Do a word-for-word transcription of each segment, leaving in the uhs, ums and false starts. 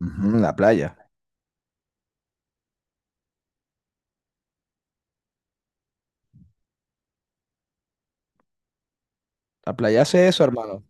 Ujú, la playa. La playa hace eso, hermano.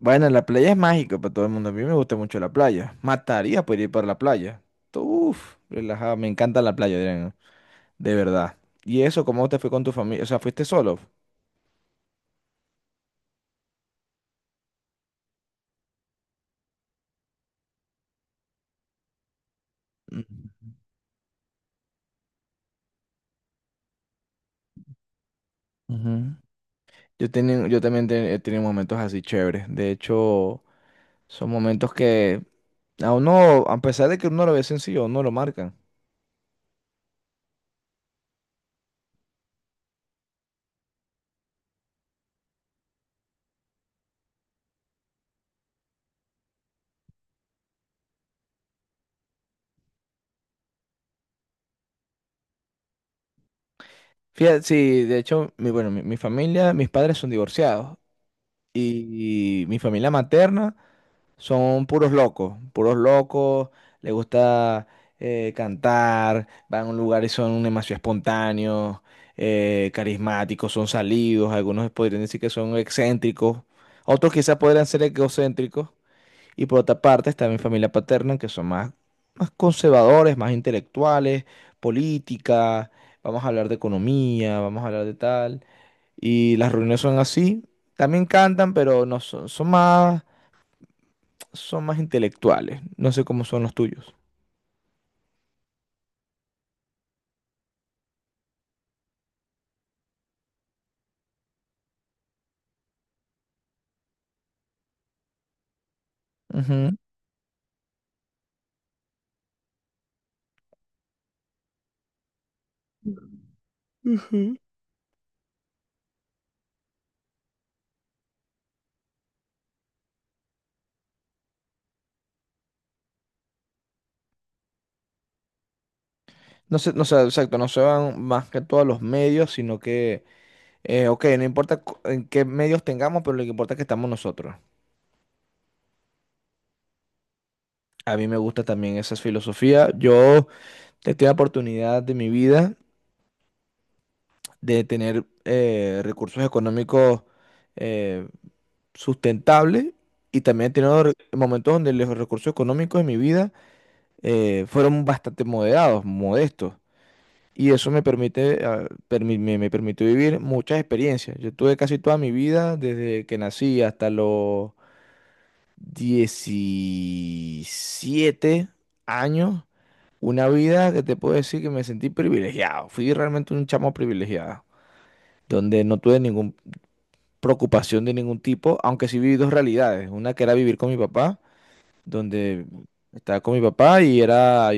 Bueno, la playa es mágica para todo el mundo. A mí me gusta mucho la playa. Mataría por ir para la playa. Uf, relajado. Me encanta la playa, Adrián. De verdad. ¿Y eso cómo te fue con tu familia? O sea, ¿fuiste solo? Ujú. Ujú. Yo, tenía- yo también te- He tenido momentos así chéveres. De hecho, son momentos que a uno, a pesar de que uno lo ve sencillo, uno lo marcan. Fíjate, sí, de hecho, mi, bueno, mi, mi familia, mis padres son divorciados. Y, y mi familia materna son puros locos, puros locos, les gusta eh, cantar, van a un lugar y son demasiado espontáneos, eh, carismáticos, son salidos, algunos podrían decir que son excéntricos, otros quizás podrían ser egocéntricos, y por otra parte está mi familia paterna, que son más, más conservadores, más intelectuales, política, vamos a hablar de economía, vamos a hablar de tal, y las reuniones son así, también cantan, pero no son son más son más intelectuales. No sé cómo son los tuyos. Ujú. Ujú. No sé, no sé, exacto, no se van más que todos los medios, sino que, eh, ok, no importa cu- en qué medios tengamos, pero lo que importa es que estamos nosotros. A mí me gusta también esa filosofía. Yo he tenido la oportunidad de mi vida de tener eh, recursos económicos eh, sustentables, y también he tenido re- momentos donde los recursos económicos de mi vida eh, fueron bastante moderados, modestos. Y eso me permite, ah, permi- me, me permitió vivir muchas experiencias. Yo tuve casi toda mi vida, desde que nací hasta los diecisiete años, una vida que te puedo decir que me sentí privilegiado. Fui realmente un chamo privilegiado, donde no tuve ninguna preocupación de ningún tipo, aunque sí viví dos realidades. Una que era vivir con mi papá donde estaba con mi papá y era,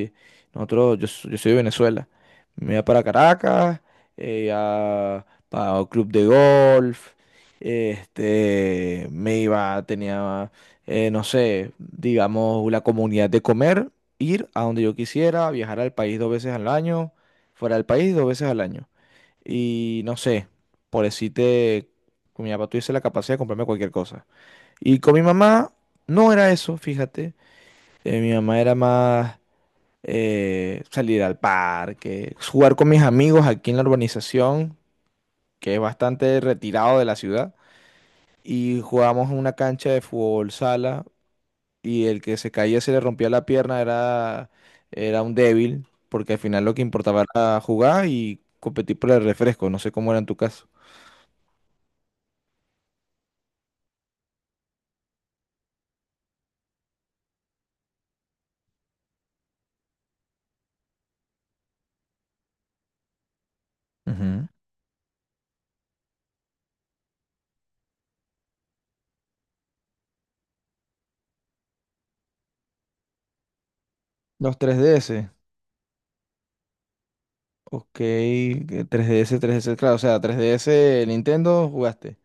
nosotros, yo, so- yo soy de Venezuela. Me iba para Caracas, eh, a- para un club de golf, este, me iba, tenía, eh, no sé, digamos, la comunidad de comer, ir a donde yo quisiera, viajar al país dos veces al año, fuera del país dos veces al año. Y no sé, por decirte, con mi papá tuviese la capacidad de comprarme cualquier cosa. Y con mi mamá no era eso, fíjate. Eh, mi mamá era más eh, salir al parque, jugar con mis amigos aquí en la urbanización, que es bastante retirado de la ciudad, y jugábamos en una cancha de fútbol sala, y el que se caía se le rompía la pierna era, era un débil, porque al final lo que importaba era jugar y competir por el refresco, no sé cómo era en tu caso. Ujú. Los tres D S, ok, que tres D S, tres D S, claro, o sea, tres D S Nintendo jugaste.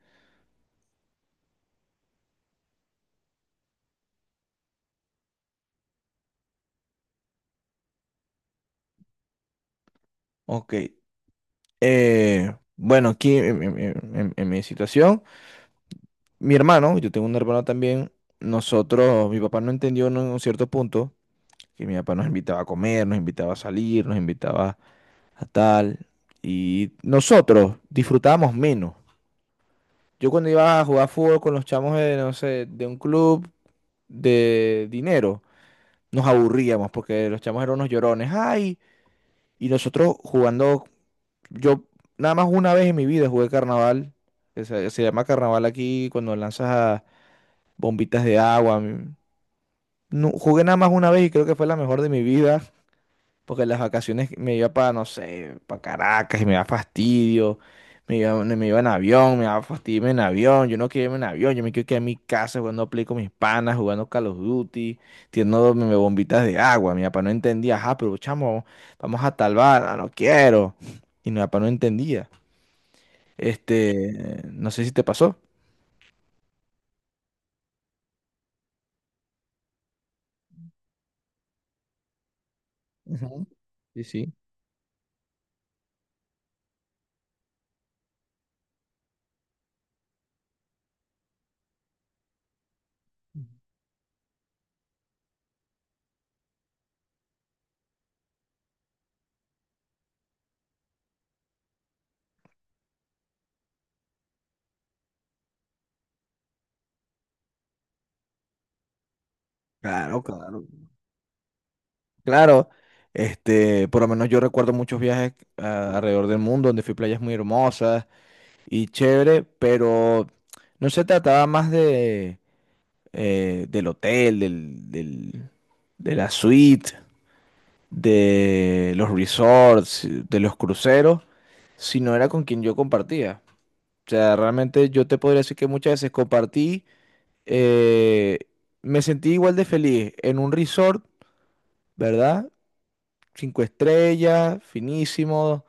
Ok. Eh, bueno, aquí en, en- en- en- en mi situación, mi hermano, yo tengo un hermano también, nosotros, mi papá no entendió en un cierto punto que mi papá nos invitaba a comer, nos invitaba a salir, nos invitaba a tal, y nosotros disfrutábamos menos. Yo cuando iba a jugar fútbol con los chamos de, no sé, de un club de dinero, nos aburríamos porque los chamos eran unos llorones, ay, y nosotros jugando. Yo nada más una vez en mi vida jugué carnaval. que Se, se llama carnaval aquí cuando lanzas a bombitas de agua. mm. No, jugué nada más una vez y creo que fue la mejor de mi vida. Porque en las vacaciones me iba para, no sé, para Caracas y me daba fastidio. Me iba, me iba en avión, me daba fastidio irme en avión. Yo no quiero irme en avión, yo me quiero quedar en mi casa jugando Play con mis panas, jugando Call of Duty, tirando tirándome bombitas de agua. Mi papá no entendía, ajá, pero chamo, vamos a tal bar, "Ah, no quiero". Y mi papá no entendía. Este, no sé si te pasó. Ujú. Sí, sí. Claro, claro. Claro, este, por lo menos yo recuerdo muchos viajes ah, alrededor del mundo donde fui a playas muy hermosas y chévere, pero no se trataba más de eh, del hotel, del, del- de la suite, de los resorts, de los cruceros, sino era con quien yo compartía. O sea, realmente yo te podría decir que muchas veces compartí. Eh, me sentí igual de feliz en un resort, ¿verdad? Cinco estrellas, finísimo,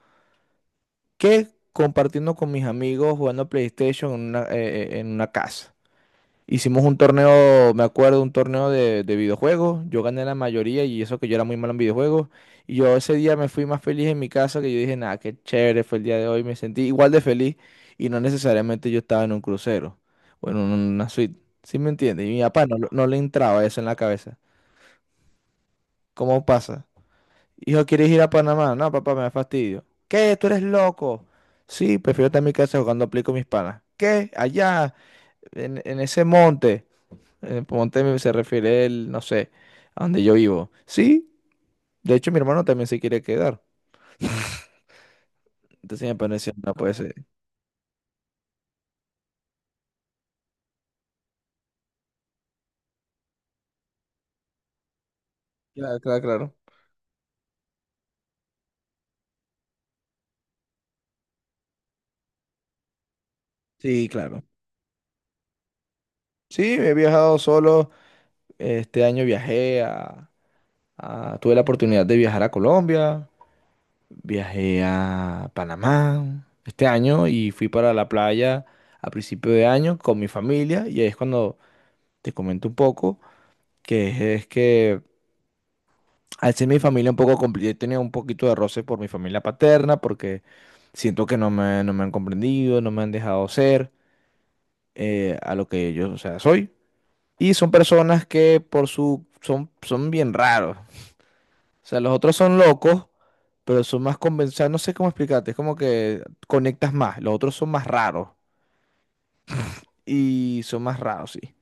que compartiendo con mis amigos jugando PlayStation en una, eh, eh, en una casa. Hicimos un torneo, me acuerdo, un torneo de, de videojuegos. Yo gané la mayoría y eso que yo era muy malo en videojuegos. Y yo ese día me fui más feliz en mi casa que yo dije, nada, qué chévere fue el día de hoy. Me sentí igual de feliz y no necesariamente yo estaba en un crucero o en una suite. ¿Sí me entiendes? Y mi papá no, lo- no le entraba eso en la cabeza. ¿Cómo pasa? Hijo, ¿quieres ir a Panamá? No, papá, me da fastidio. ¿Qué? ¿Tú eres loco? Sí, prefiero estar en mi casa jugando Play con mis panas. ¿Qué? Allá, en en ese monte. Eh, ponte, se refiere él, no sé, a donde yo vivo. Sí, de hecho mi hermano también se quiere quedar. Entonces me pareció, no puede ser. Claro, claro, claro. Sí, claro. Sí, he viajado solo. Este año viajé a, a- tuve la oportunidad de viajar a Colombia, viajé a Panamá este año y fui para la playa a principio de año con mi familia y ahí es cuando te comento un poco, que es que al ser mi familia un poco complicada, he tenido un poquito de roce por mi familia paterna, porque siento que no me, no me han comprendido, no me han dejado ser eh, a lo que yo, o sea, soy. Y son personas que por su, son, son bien raros. O sea, los otros son locos, pero son más convencidos, no sé cómo explicarte, es como que conectas más, los otros son más raros y son más raros, sí.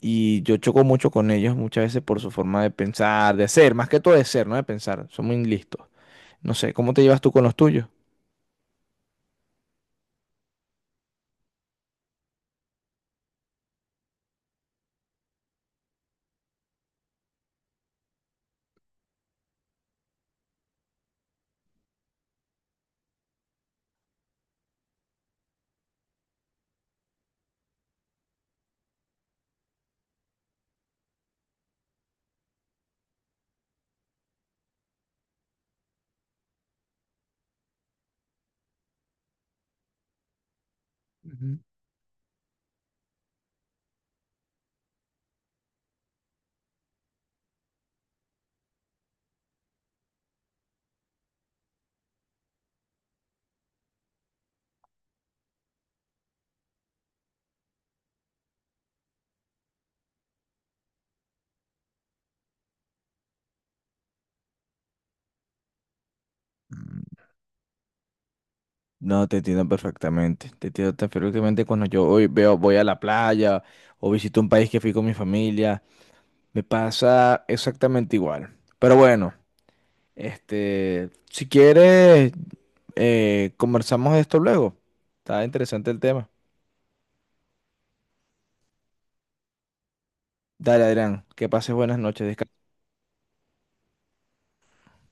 Y yo choco mucho con ellos muchas veces por su forma de pensar, de ser, más que todo de ser, no de pensar, son muy listos. No sé, ¿cómo te llevas tú con los tuyos? Ujú. Mm, no, te entiendo perfectamente. Te entiendo tan perfectamente cuando yo hoy veo, voy a la playa o visito un país que fui con mi familia. Me pasa exactamente igual. Pero bueno, este, si quieres, eh, conversamos de esto luego. Está interesante el tema. Dale, Adrián, que pases buenas noches. Descansa.